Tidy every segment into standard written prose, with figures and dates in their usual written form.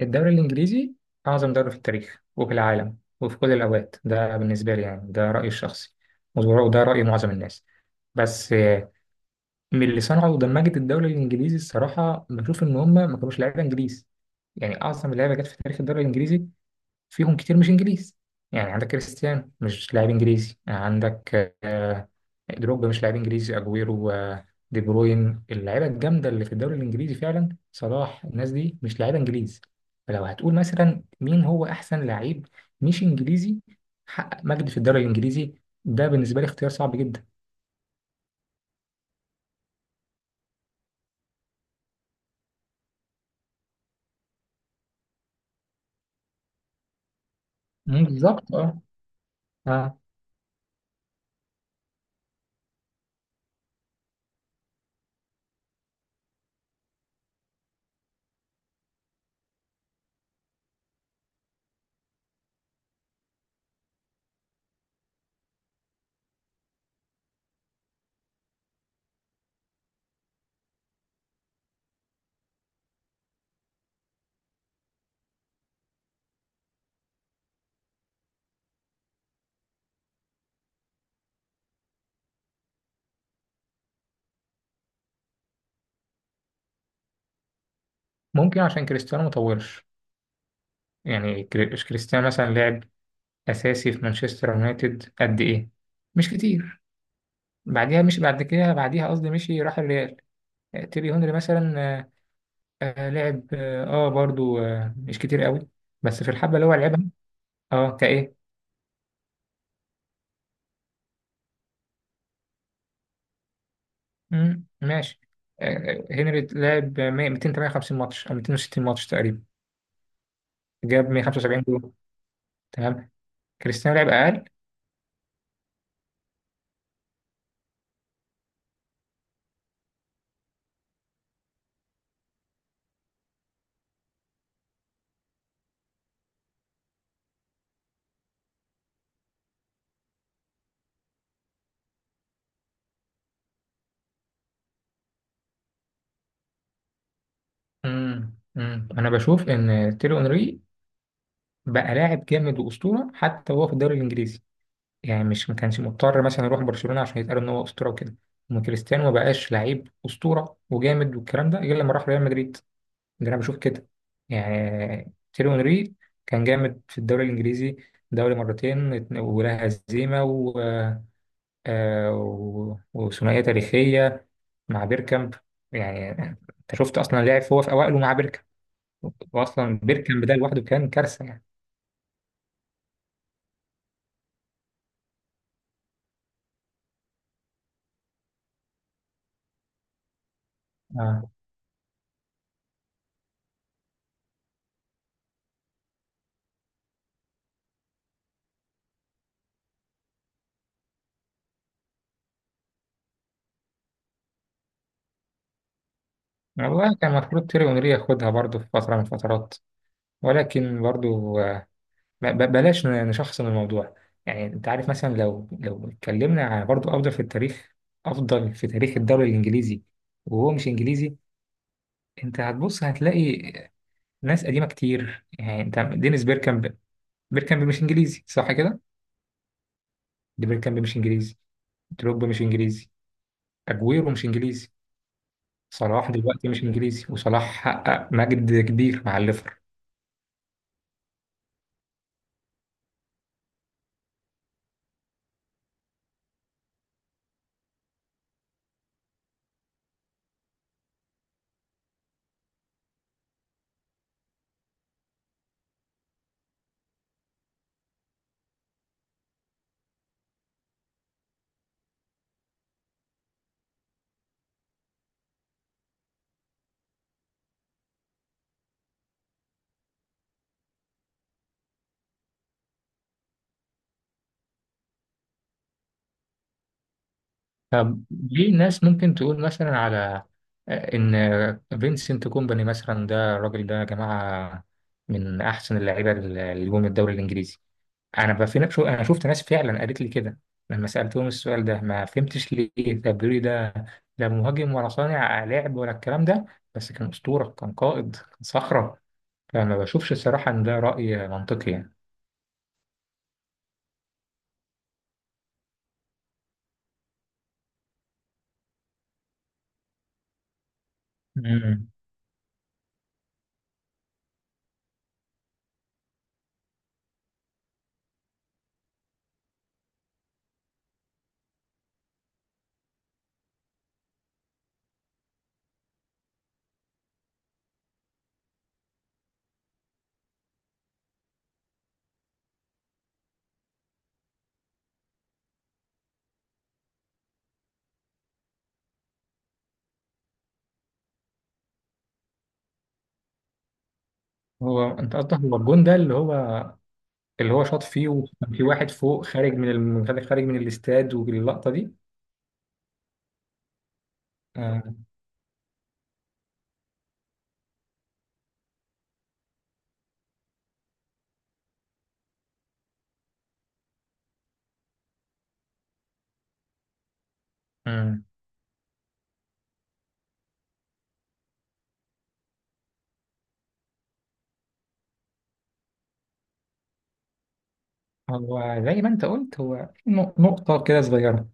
الدوري الإنجليزي أعظم دوري في التاريخ وفي العالم وفي كل الأوقات، ده بالنسبة لي. يعني ده رأيي الشخصي وده رأي معظم الناس. بس من اللي صنعوا ودمجت الدوري الإنجليزي، الصراحة بشوف إن هم ما كانوش لعيبة إنجليز. يعني أعظم لعيبة جت في تاريخ الدوري الإنجليزي فيهم كتير مش انجليز. يعني عندك كريستيانو مش لاعب انجليزي، عندك دروجبا مش لاعب انجليزي، اجويرو، دي بروين، اللعيبه الجامده اللي في الدوري الانجليزي فعلا، صلاح، الناس دي مش لعيبه انجليز. فلو هتقول مثلا مين هو احسن لعيب مش انجليزي حقق مجد في الدوري الانجليزي، ده بالنسبه لي اختيار صعب جدا. مم، بالظبط، اه. اه. ممكن عشان كريستيانو مطولش. يعني كريستيانو مثلا لعب اساسي في مانشستر يونايتد قد ايه؟ مش كتير. بعديها، مش بعد كده بعديها قصدي، مشي راح الريال. تيري هنري مثلا، لعب، برضو مش كتير قوي. بس في الحبة اللي هو لعبها، اه كايه. مم، ماشي. هنري لعب 100 258 ماتش او 260 ماتش تقريبا، جاب 175 جول. تمام. كريستيانو لعب اقل. مم، مم. انا بشوف ان تيري اونري بقى لاعب جامد واسطورة حتى وهو في الدوري الانجليزي. يعني مش ما كانش مضطر مثلا يروح برشلونة عشان يتقال ان هو اسطورة وكده. أما كريستيانو ما بقاش لعيب اسطورة وجامد والكلام ده غير لما راح ريال مدريد. ده انا بشوف كده. يعني تيرو انري كان جامد في الدوري الانجليزي، دوري مرتين ولا هزيمة وثنائية تاريخية مع بيركامب. يعني انت شفت اصلا لعب هو في اوائله مع بيركامب، واصلا بيركامب ده لوحده كان كارثة يعني. اه والله كان المفروض تيري اونري ياخدها برضه في فترة من الفترات، ولكن برضو آه، بلاش نشخصن الموضوع. يعني انت عارف، مثلا لو اتكلمنا على برضو افضل في التاريخ، افضل في تاريخ الدوري الانجليزي وهو مش انجليزي، انت هتبص هتلاقي ناس قديمه كتير. يعني انت دينيس بيركامب، بيركامب مش انجليزي صح كده؟ دي بيركامب مش انجليزي، دروجبا مش انجليزي، اجويرو مش انجليزي، صلاح دلوقتي مش انجليزي، وصلاح حقق مجد كبير مع الليفر. طب ليه ناس ممكن تقول مثلا على إن فينسنت كومباني مثلا، ده الراجل ده يا جماعة من أحسن اللعيبة اللي جم الدوري الإنجليزي؟ أنا بقى في نفسه، أنا شفت ناس فعلا قالت لي كده. لما سألتهم السؤال ده ما فهمتش ليه. طب بيقولوا لي ده لا مهاجم ولا صانع لعب ولا الكلام ده، بس كان أسطورة، كان قائد، كان صخرة. فما بشوفش الصراحة إن ده رأي منطقي يعني. مم. هو أنت قصدك هو الجون ده اللي هو اللي هو شاط فيه وكان في واحد فوق خارج من خارج من الاستاد واللقطة دي؟ آه. امم. هو زي ما انت قلت، هو في نقطة كده صغيرة،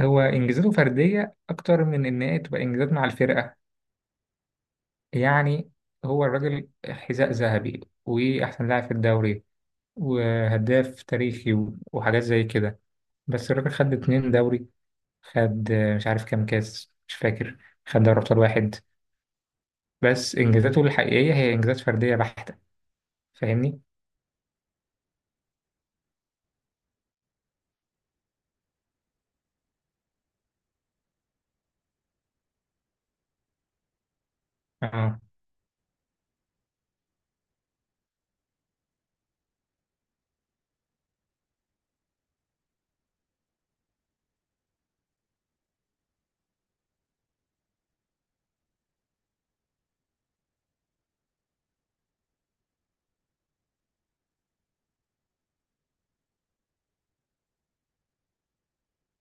هو انجازاته فردية اكتر من ان هي تبقى انجازات مع الفرقة. يعني هو الراجل حذاء ذهبي واحسن لاعب في الدوري وهداف تاريخي وحاجات زي كده. بس الراجل خد اتنين دوري، خد آه، مش عارف كام كاس مش فاكر، خد دوري ابطال واحد. بس انجازاته الحقيقية هي انجازات فردية بحتة. فاهمني؟ اه.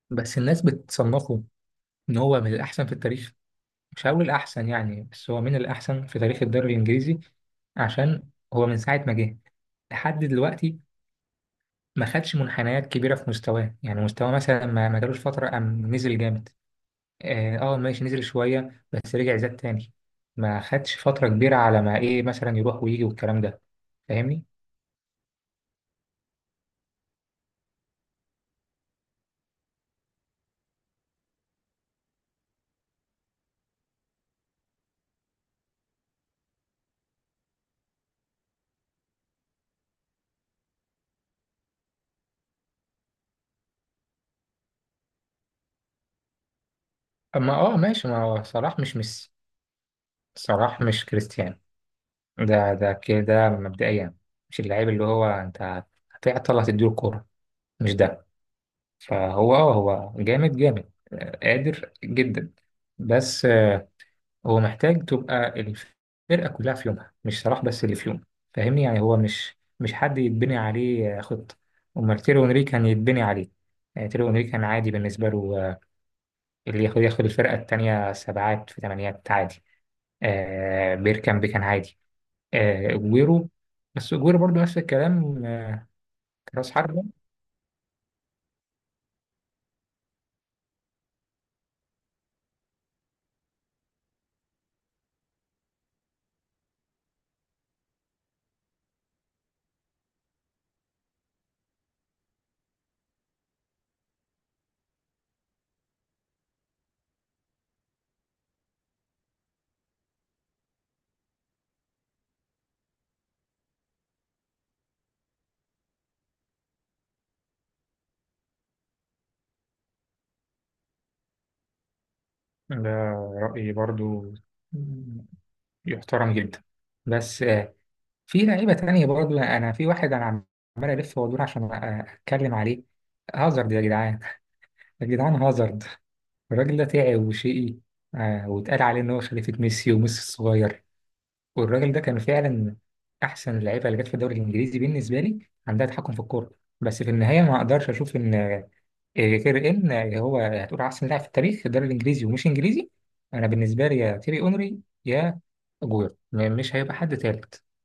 بس الناس بتصنفه ان هو من الاحسن في التاريخ، مش هقول الاحسن يعني، بس هو من الاحسن في تاريخ الدوري الانجليزي. عشان هو من ساعه ما جه لحد دلوقتي ما خدش منحنيات كبيره في مستواه. يعني مستواه مثلا ما جالوش فتره قام نزل جامد. اه آه، ماشي، نزل شويه بس رجع زاد تاني. ما خدش فتره كبيره على ما ايه مثلا يروح ويجي والكلام ده. فاهمني؟ اما اه ماشي، ما هو صلاح مش ميسي، صلاح مش كريستيانو. ده كده ده مبدئيا مش اللعيب اللي هو انت هتعطل هتديله الكورة، مش ده. فهو اه هو جامد جامد، قادر جدا. بس آه، هو محتاج تبقى الفرقة كلها في يومها، مش صلاح بس اللي في يوم. فاهمني؟ يعني هو مش حد يتبني عليه خطة. أمال تيرو إنري كان يتبني عليه، يعني تيرو إنري كان عادي بالنسبة له اللي ياخد ياخد الفرقة التانية سبعات في تمانيات عادي. آه بيركامب كان عادي. آه، اجويرو، بس اجويرو برضو نفس الكلام، آه، راس حربة. ده رأيي برضو يحترم جدا، بس آه، في لعيبة تانية برضو. أنا في واحد أنا عمال ألف وأدور عشان أتكلم عليه، هازارد يا جدعان. يا جدعان هازارد، الراجل ده تعب وشقي، واتقال عليه إن هو خليفة ميسي وميسي الصغير. والراجل ده كان فعلا احسن اللعيبه اللي جت في الدوري الانجليزي بالنسبه لي، عندها تحكم في الكوره. بس في النهايه ما اقدرش اشوف ان غير ان آه، هو هتقول احسن لاعب في التاريخ في الدوري الانجليزي ومش انجليزي. انا بالنسبه لي، يا تيري اونري يا اجويرو، مش هيبقى حد تالت.